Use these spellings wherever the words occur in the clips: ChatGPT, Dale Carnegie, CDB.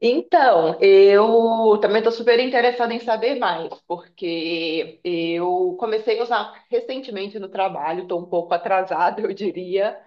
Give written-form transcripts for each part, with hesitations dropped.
Então, eu também estou super interessada em saber mais, porque eu comecei a usar recentemente no trabalho, estou um pouco atrasada, eu diria,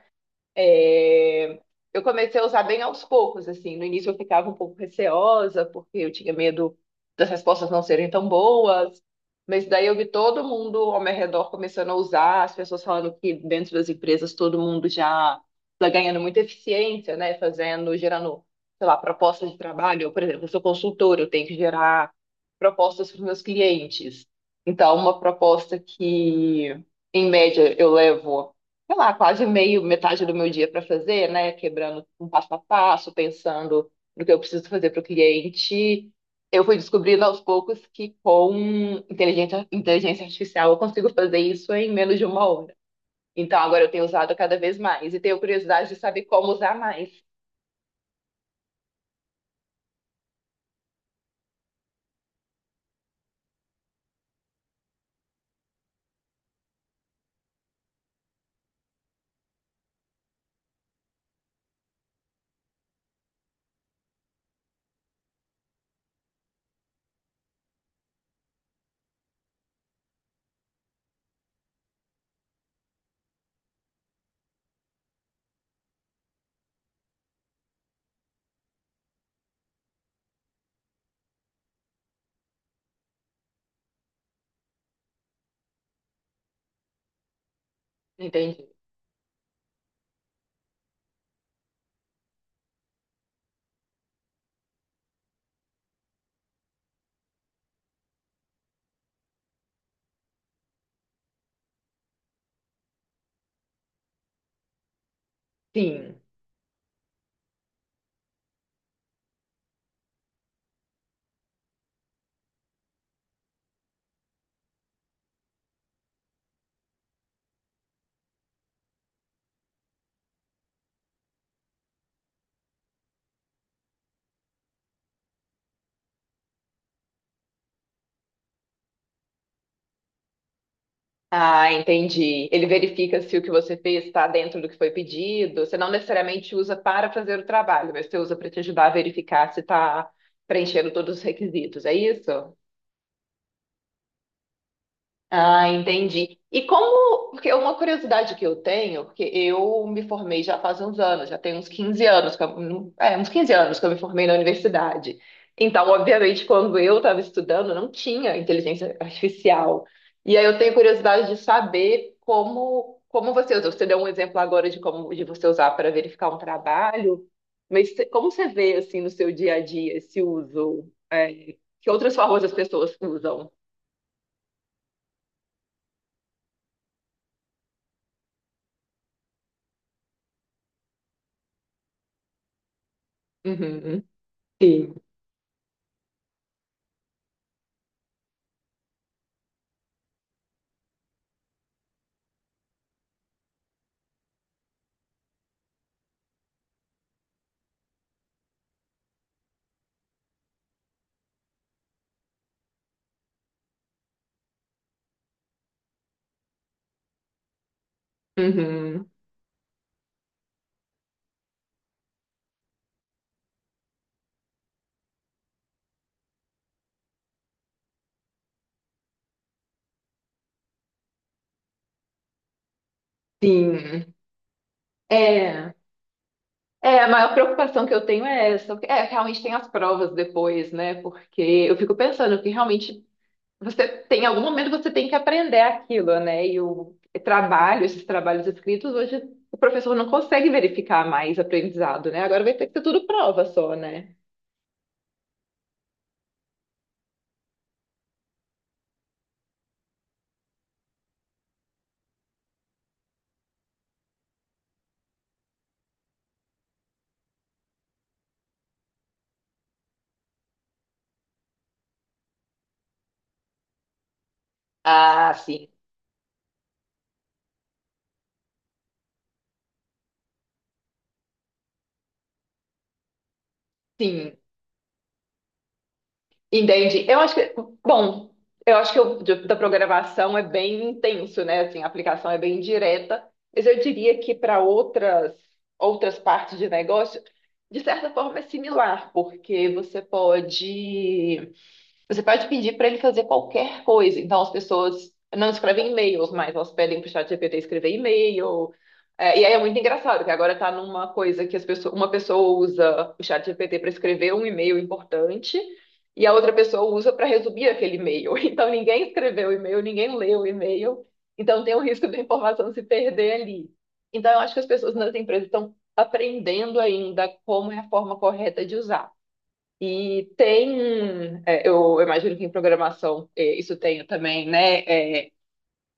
é, eu comecei a usar bem aos poucos, assim. No início eu ficava um pouco receosa, porque eu tinha medo das respostas não serem tão boas. Mas daí eu vi todo mundo ao meu redor começando a usar, as pessoas falando que dentro das empresas todo mundo já está ganhando muita eficiência, né? Fazendo, gerando, sei lá, propostas de trabalho. Eu, por exemplo, eu sou consultora, eu tenho que gerar propostas para os meus clientes. Então, uma proposta que, em média, eu levo sei lá, quase meio, metade do meu dia para fazer, né? Quebrando um passo a passo, pensando no que eu preciso fazer para o cliente. Eu fui descobrindo aos poucos que com inteligência artificial eu consigo fazer isso em menos de 1 hora. Então agora eu tenho usado cada vez mais e tenho curiosidade de saber como usar mais. Entende? Sim. Ah, entendi. Ele verifica se o que você fez está dentro do que foi pedido. Você não necessariamente usa para fazer o trabalho, mas você usa para te ajudar a verificar se está preenchendo todos os requisitos. É isso? Ah, entendi. E como, porque uma curiosidade que eu tenho, porque eu me formei já faz uns anos, já tem uns 15 anos, uns 15 anos que eu me formei na universidade. Então, obviamente, quando eu estava estudando, não tinha inteligência artificial. E aí eu tenho curiosidade de saber como, como você usa. Você deu um exemplo agora de como de você usar para verificar um trabalho, mas como você vê assim no seu dia a dia esse uso? Que outras formas as pessoas usam? Uhum. Sim. Uhum, sim. É, a maior preocupação que eu tenho é essa. É, realmente tem as provas depois, né? Porque eu fico pensando que realmente você tem, em algum momento você tem que aprender aquilo, né? E o trabalho, esses trabalhos escritos, hoje o professor não consegue verificar mais aprendizado, né? Agora vai ter que ser tudo prova só, né? Ah, sim. Sim. Entendi. Eu acho que, bom, eu acho que o da programação é bem intenso, né? Assim, a aplicação é bem direta, mas eu diria que para outras partes de negócio, de certa forma é similar, porque você pode pedir para ele fazer qualquer coisa. Então as pessoas não escrevem e-mails, mas elas pedem para o ChatGPT escrever e-mail. É, e aí é muito engraçado que agora está numa coisa que as pessoas, uma pessoa usa o ChatGPT para escrever um e-mail importante e a outra pessoa usa para resumir aquele e-mail. Então, ninguém escreveu o e-mail, ninguém leu o e-mail, então tem o risco da informação se perder ali. Então, eu acho que as pessoas nas empresas estão aprendendo ainda como é a forma correta de usar. E tem, é, eu imagino que em programação isso tenha também, né? É,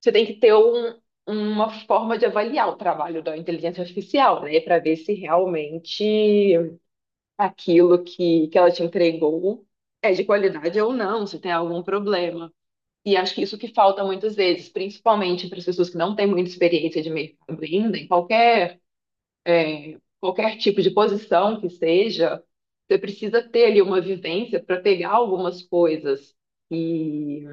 você tem que ter um, uma forma de avaliar o trabalho da inteligência artificial, né? Para ver se realmente aquilo que ela te entregou é de qualidade ou não, se tem algum problema. E acho que isso que falta muitas vezes, principalmente para as pessoas que não têm muita experiência de mercado ainda, em qualquer, é, qualquer tipo de posição que seja, você precisa ter ali uma vivência para pegar algumas coisas. E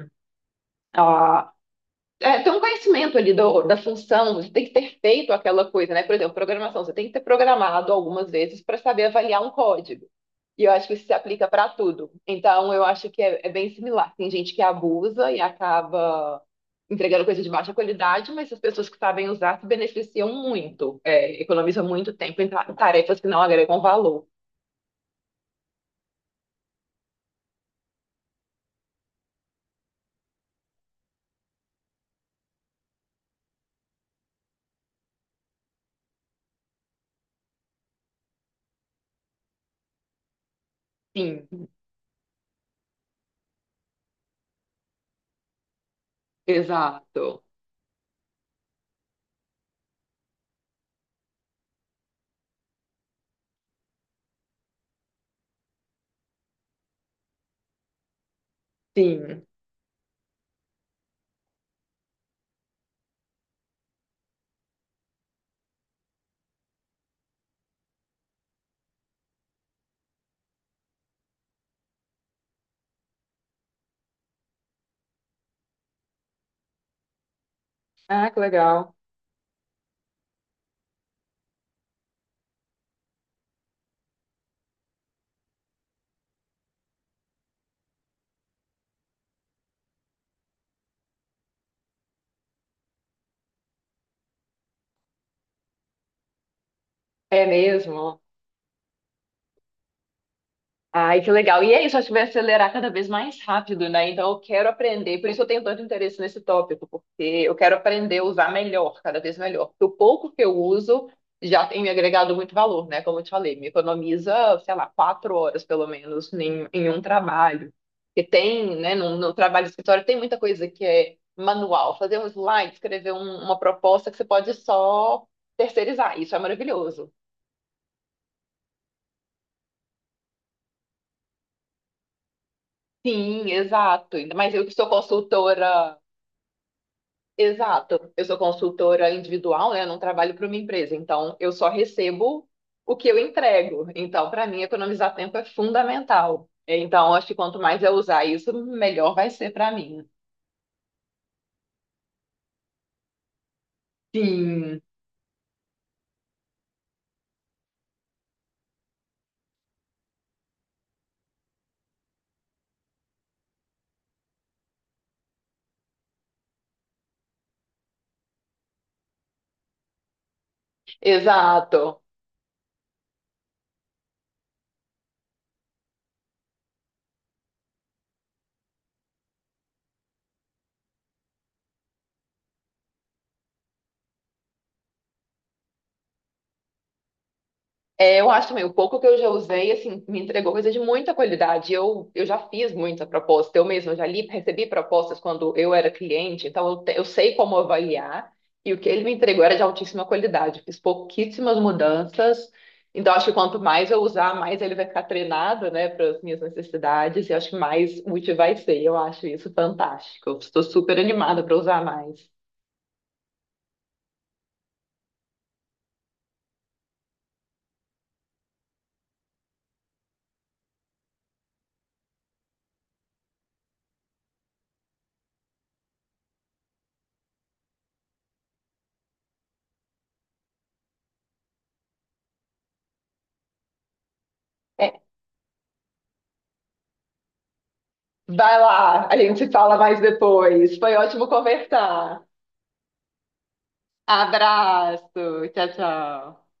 é, ter um conhecimento ali da função, você tem que ter feito aquela coisa, né? Por exemplo, programação, você tem que ter programado algumas vezes para saber avaliar um código. E eu acho que isso se aplica para tudo. Então, eu acho que é bem similar. Tem gente que abusa e acaba entregando coisa de baixa qualidade, mas as pessoas que sabem usar se beneficiam muito, é, economizam muito tempo em tarefas que não agregam valor. Sim, exato. Sim. Ah, que legal. É mesmo. Ai, que legal. E é isso, acho que vai acelerar cada vez mais rápido, né? Então eu quero aprender, por isso eu tenho tanto interesse nesse tópico, porque eu quero aprender a usar melhor, cada vez melhor. Porque o pouco que eu uso já tem me agregado muito valor, né? Como eu te falei, me economiza, sei lá, 4 horas pelo menos em, em um trabalho. Porque tem, né, no, no trabalho de escritório tem muita coisa que é manual, fazer um slide, escrever uma proposta que você pode só terceirizar. Isso é maravilhoso. Sim, exato. Ainda mais eu que sou consultora. Exato. Eu sou consultora individual, né? Eu não trabalho para uma empresa, então eu só recebo o que eu entrego. Então, para mim, economizar tempo é fundamental. Então, acho que quanto mais eu usar isso, melhor vai ser para mim. Sim, exato. É, eu acho também, o pouco que eu já usei, assim, me entregou coisa de muita qualidade. Eu já fiz muita proposta, eu mesma já li, recebi propostas quando eu era cliente, então eu, eu sei como avaliar, e o que ele me entregou era de altíssima qualidade. Fiz pouquíssimas mudanças, então acho que quanto mais eu usar, mais ele vai ficar treinado, né, para as minhas necessidades, e acho que mais útil vai ser. Eu acho isso fantástico. Eu estou super animada para usar mais. É, vai lá, a gente se fala mais depois. Foi ótimo conversar. Abraço. Tchau, tchau.